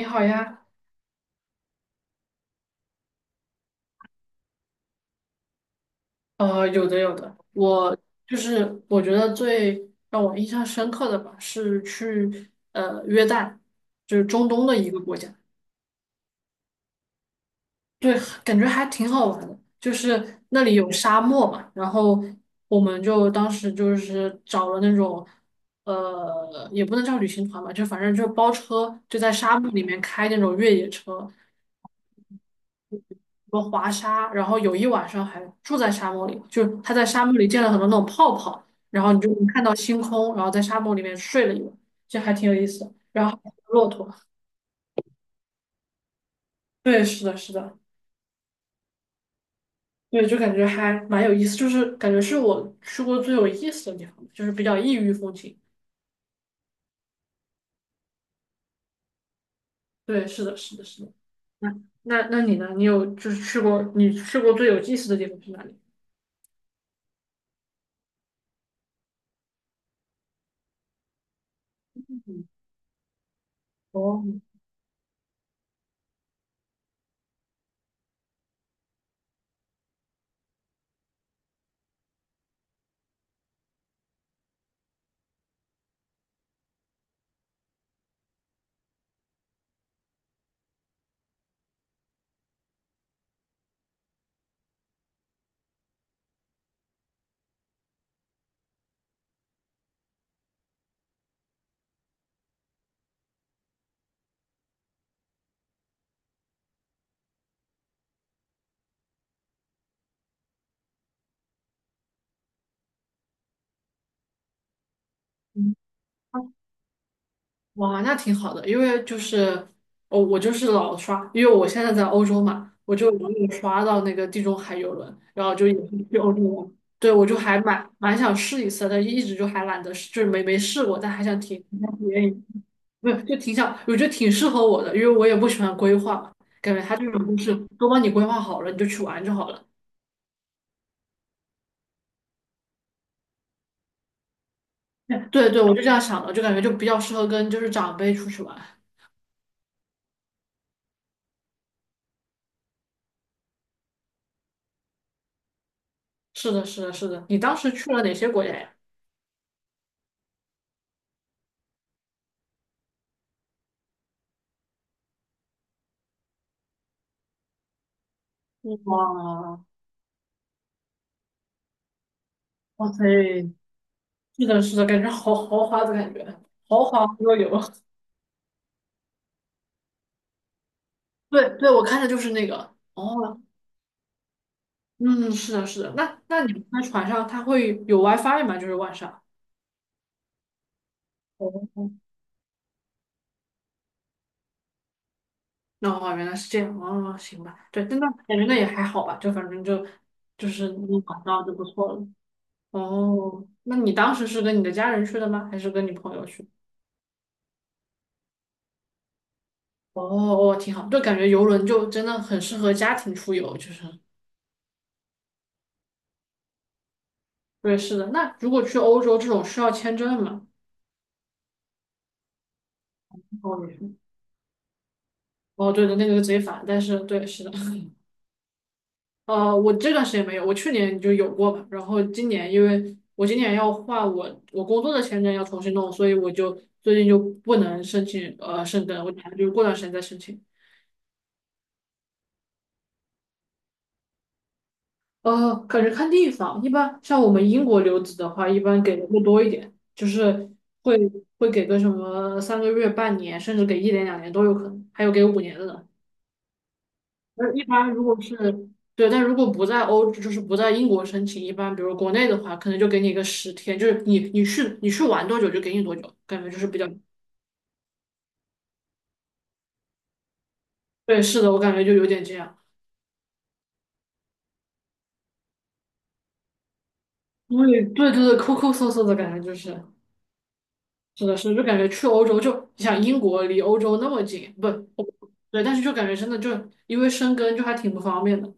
你好呀，有的有的，我就是我觉得最让我印象深刻的吧，是去约旦，就是中东的一个国家，对，感觉还挺好玩的，就是那里有沙漠嘛，然后我们就当时就是找了那种也不能叫旅行团吧，就反正就包车，就在沙漠里面开那种越野车，个滑沙，然后有一晚上还住在沙漠里，就是他在沙漠里建了很多那种泡泡，然后你就能看到星空，然后在沙漠里面睡了一晚，就还挺有意思的。然后还有骆驼，对，是的，是的，对，就感觉还蛮有意思，就是感觉是我去过最有意思的地方，就是比较异域风情。对，是的，是的，是的。那那你呢？你有就是去过你去过最有意思的地方是哪里？嗯，哦，嗯。哇，那挺好的，因为就是我就是老刷，因为我现在在欧洲嘛，我就老有刷到那个地中海游轮，然后就也是去欧洲玩。对，我就还蛮想试一次的，但一直就还懒得试，就是没试过，但还想挺想体验一下，没有就挺想，我觉得挺适合我的，因为我也不喜欢规划，感觉它这种就是都帮你规划好了，你就去玩就好了。对对，我就这样想的，就感觉就比较适合跟就是长辈出去玩。是的，是的，是的。你当时去了哪些国家呀？哇，哇塞，是的，是的，感觉好豪华的感觉，豪华桌游。对对，我看的就是那个。哦，嗯，是的，是的。那你们在船上，它会有 WiFi 吗？就是晚上。哦，那哦原来是这样。哦，行吧。对，那感觉那也还好吧，就反正就是能玩到就不错了。哦，那你当时是跟你的家人去的吗？还是跟你朋友去？哦哦，挺好，就感觉游轮就真的很适合家庭出游，就是。对，是的。那如果去欧洲这种需要签证吗？哦，哦，对的，那个就直接但是对，是的，我这段时间没有，我去年就有过嘛，然后今年因为我今年要换我工作的签证要重新弄，所以我就最近就不能申请申根，我打算就是过段时间再申请。感觉看地方，一般像我们英国留子的话，一般给的会多一点，就是会会给个什么3个月、半年，甚至给1年、两年都有可能，还有给5年的呢。那一般如果是对，但如果不在欧，就是不在英国申请，一般比如国内的话，可能就给你一个10天，就是你去玩多久就给你多久，感觉就是对，是的，我感觉就有点这样，因为对对对，抠抠搜搜的感觉就是，是的，就感觉去欧洲就你想英国离欧洲那么近，不，我对，但是就感觉真的就因为生根就还挺不方便的。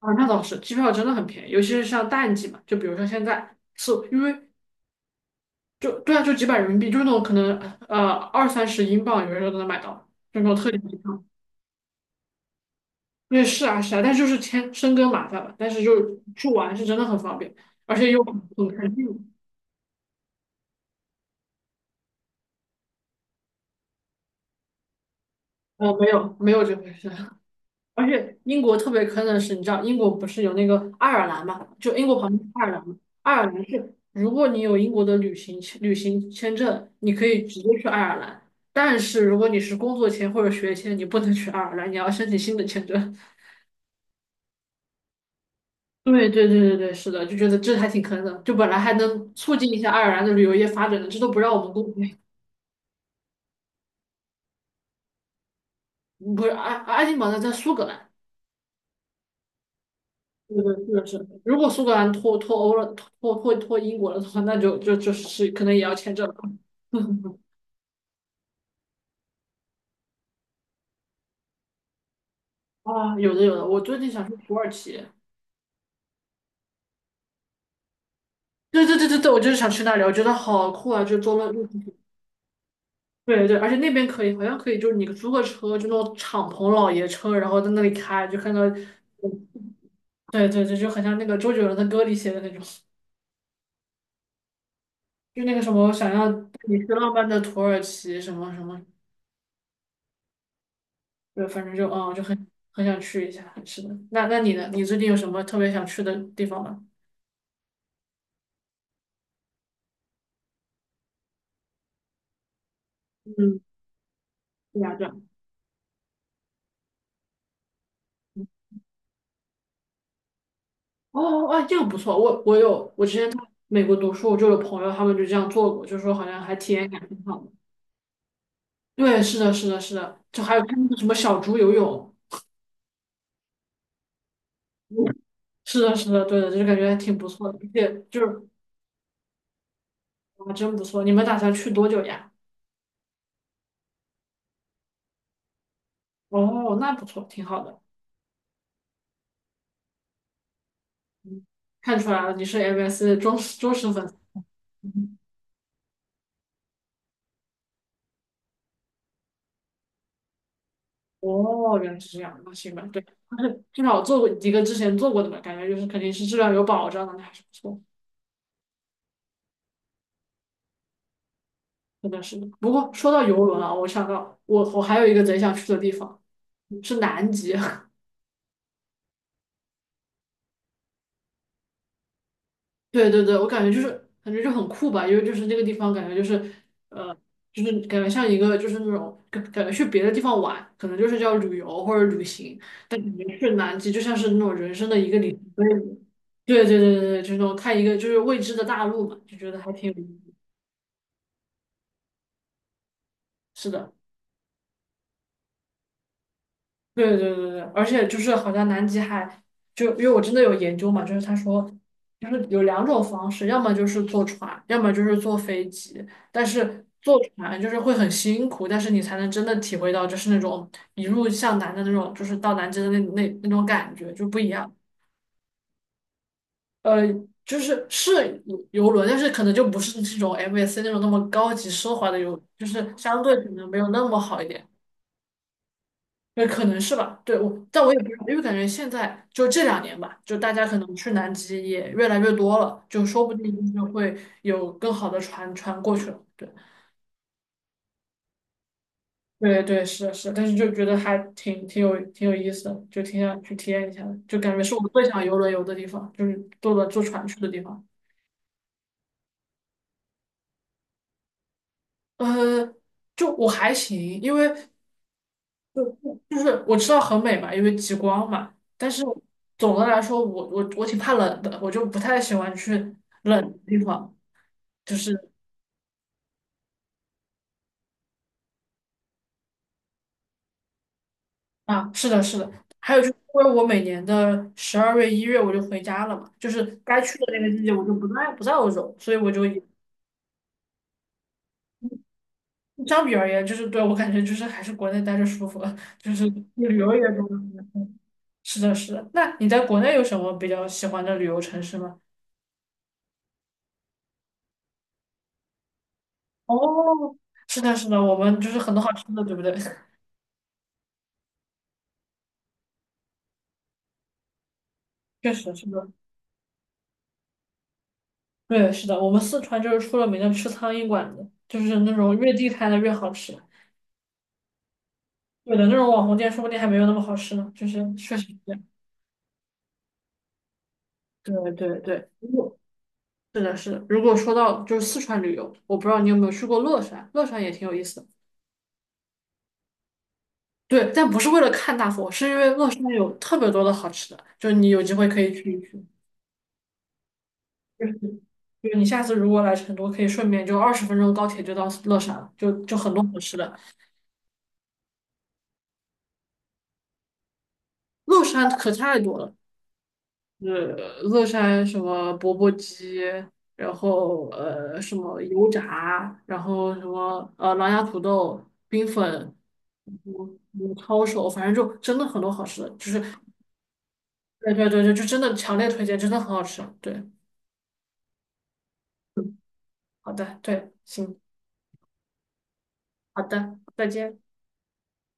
啊，那倒是，机票真的很便宜，尤其是像淡季嘛，就比如说现在是因为就对啊，就几百人民币，就是那种可能二三十英镑，有些时候都能买到，就那种特价机票。对，是啊是啊，但是就是签深根麻烦了，但是就是去玩是真的很方便，而且又很坑地。没有没有这回事，而且英国特别坑的是，你知道英国不是有那个爱尔兰嘛？就英国旁边是爱尔兰嘛，爱尔兰是如果你有英国的旅行签证，你可以直接去爱尔兰，但是如果你是工作签或者学签，你不能去爱尔兰，你要申请新的签证。对对对对对，是的，就觉得这还挺坑的，就本来还能促进一下爱尔兰的旅游业发展的，这都不让我们公，嗯，不是爱丁堡在苏格兰，对对是的是的。如果苏格兰脱欧了，脱英国了的话，那就是可能也要签证了。啊，有的有的，我最近想去土耳其。对对对对对，我就是想去那里，我觉得好酷啊！就坐了，对对，而且那边可以，好像可以，就是你租个车，就那种敞篷老爷车，然后在那里开，就看到，对对对，就很像那个周杰伦的歌里写的那种，就那个什么想要带你去浪漫的土耳其什么什么，对，反正就很想去一下。是的，那你呢？你最近有什么特别想去的地方吗？嗯，对呀，对呀。哦，哎，这个不错，我之前在美国读书，我就有朋友他们就这样做过，就说好像还体验感挺好的。对，是的，是的，是的，就还有看那个什么小猪游泳，是的，是的，对的，就是感觉还挺不错的，而且就是啊，真不错。你们打算去多久呀？哦，那不错，挺好的。嗯看出来了，你是 MS 的忠实粉丝。嗯，哦，原来是这样，那行吧，对，但是至少做过一个之前做过的吧，感觉就是肯定是质量有保障的，那还是不错，真的是的，不过说到游轮啊，我想到我还有一个贼想去的地方。是南极，对对对，我感觉就是感觉就很酷吧，因为就是那个地方感觉就是呃，就是感觉像一个就是那种感觉去别的地方玩，可能就是叫旅游或者旅行，但感觉去南极就像是那种人生的一个里程碑。对对对对对，就是那种看一个就是未知的大陆嘛，就觉得还挺有意思。是的。对对对对，而且就是好像南极海，就因为我真的有研究嘛，就是他说，就是有两种方式，要么就是坐船，要么就是坐飞机。但是坐船就是会很辛苦，但是你才能真的体会到就是那种一路向南的那种，就是到南极的那种感觉就不一样。呃，就是是游轮，但是可能就不是这种 MSC 那种那么高级奢华的游，就是相对可能没有那么好一点。那可能是吧。对，但我也不知道，因为感觉现在就这两年吧，就大家可能去南极也越来越多了，就说不定就是会有更好的船过去了。对，对对，是的是的，但是就觉得还挺有意思的，就挺想去体验一下的，就感觉是我最想游轮游的地方，就是坐船去的地方。呃，就我还行，因为就就是我知道很美嘛，因为极光嘛。但是总的来说，我挺怕冷的，我就不太喜欢去冷的地方。就是啊，是的，是的。还有就是，因为我每年的12月、1月我就回家了嘛，就是该去的那个季节我就不在欧洲，所以我就也相比而言，就是对我感觉就是还是国内待着舒服，就是旅游也多。是的，是的。那你在国内有什么比较喜欢的旅游城市吗？哦，是的，是的，我们就是很多好吃的，对不对？确实是的，对，是的，我们四川就是出了名的吃苍蝇馆子，就是那种越地摊的越好吃。有的那种网红店说不定还没有那么好吃呢，就是确实是这样。对对对，是的，是的。如果说到就是四川旅游，我不知道你有没有去过乐山，乐山也挺有意思的。对，但不是为了看大佛，是因为乐山有特别多的好吃的，就你有机会可以去一去。就是就是你下次如果来成都，可以顺便就20分钟高铁就到乐山了，就很多好吃的。乐山可太多了。是乐山什么钵钵鸡，然后什么油炸，然后什么狼牙土豆、冰粉，然后什么抄手，反正就真的很多好吃的，就是对对对对，就真的强烈推荐，真的很好吃。对，嗯，好的，对，行，好的，再见。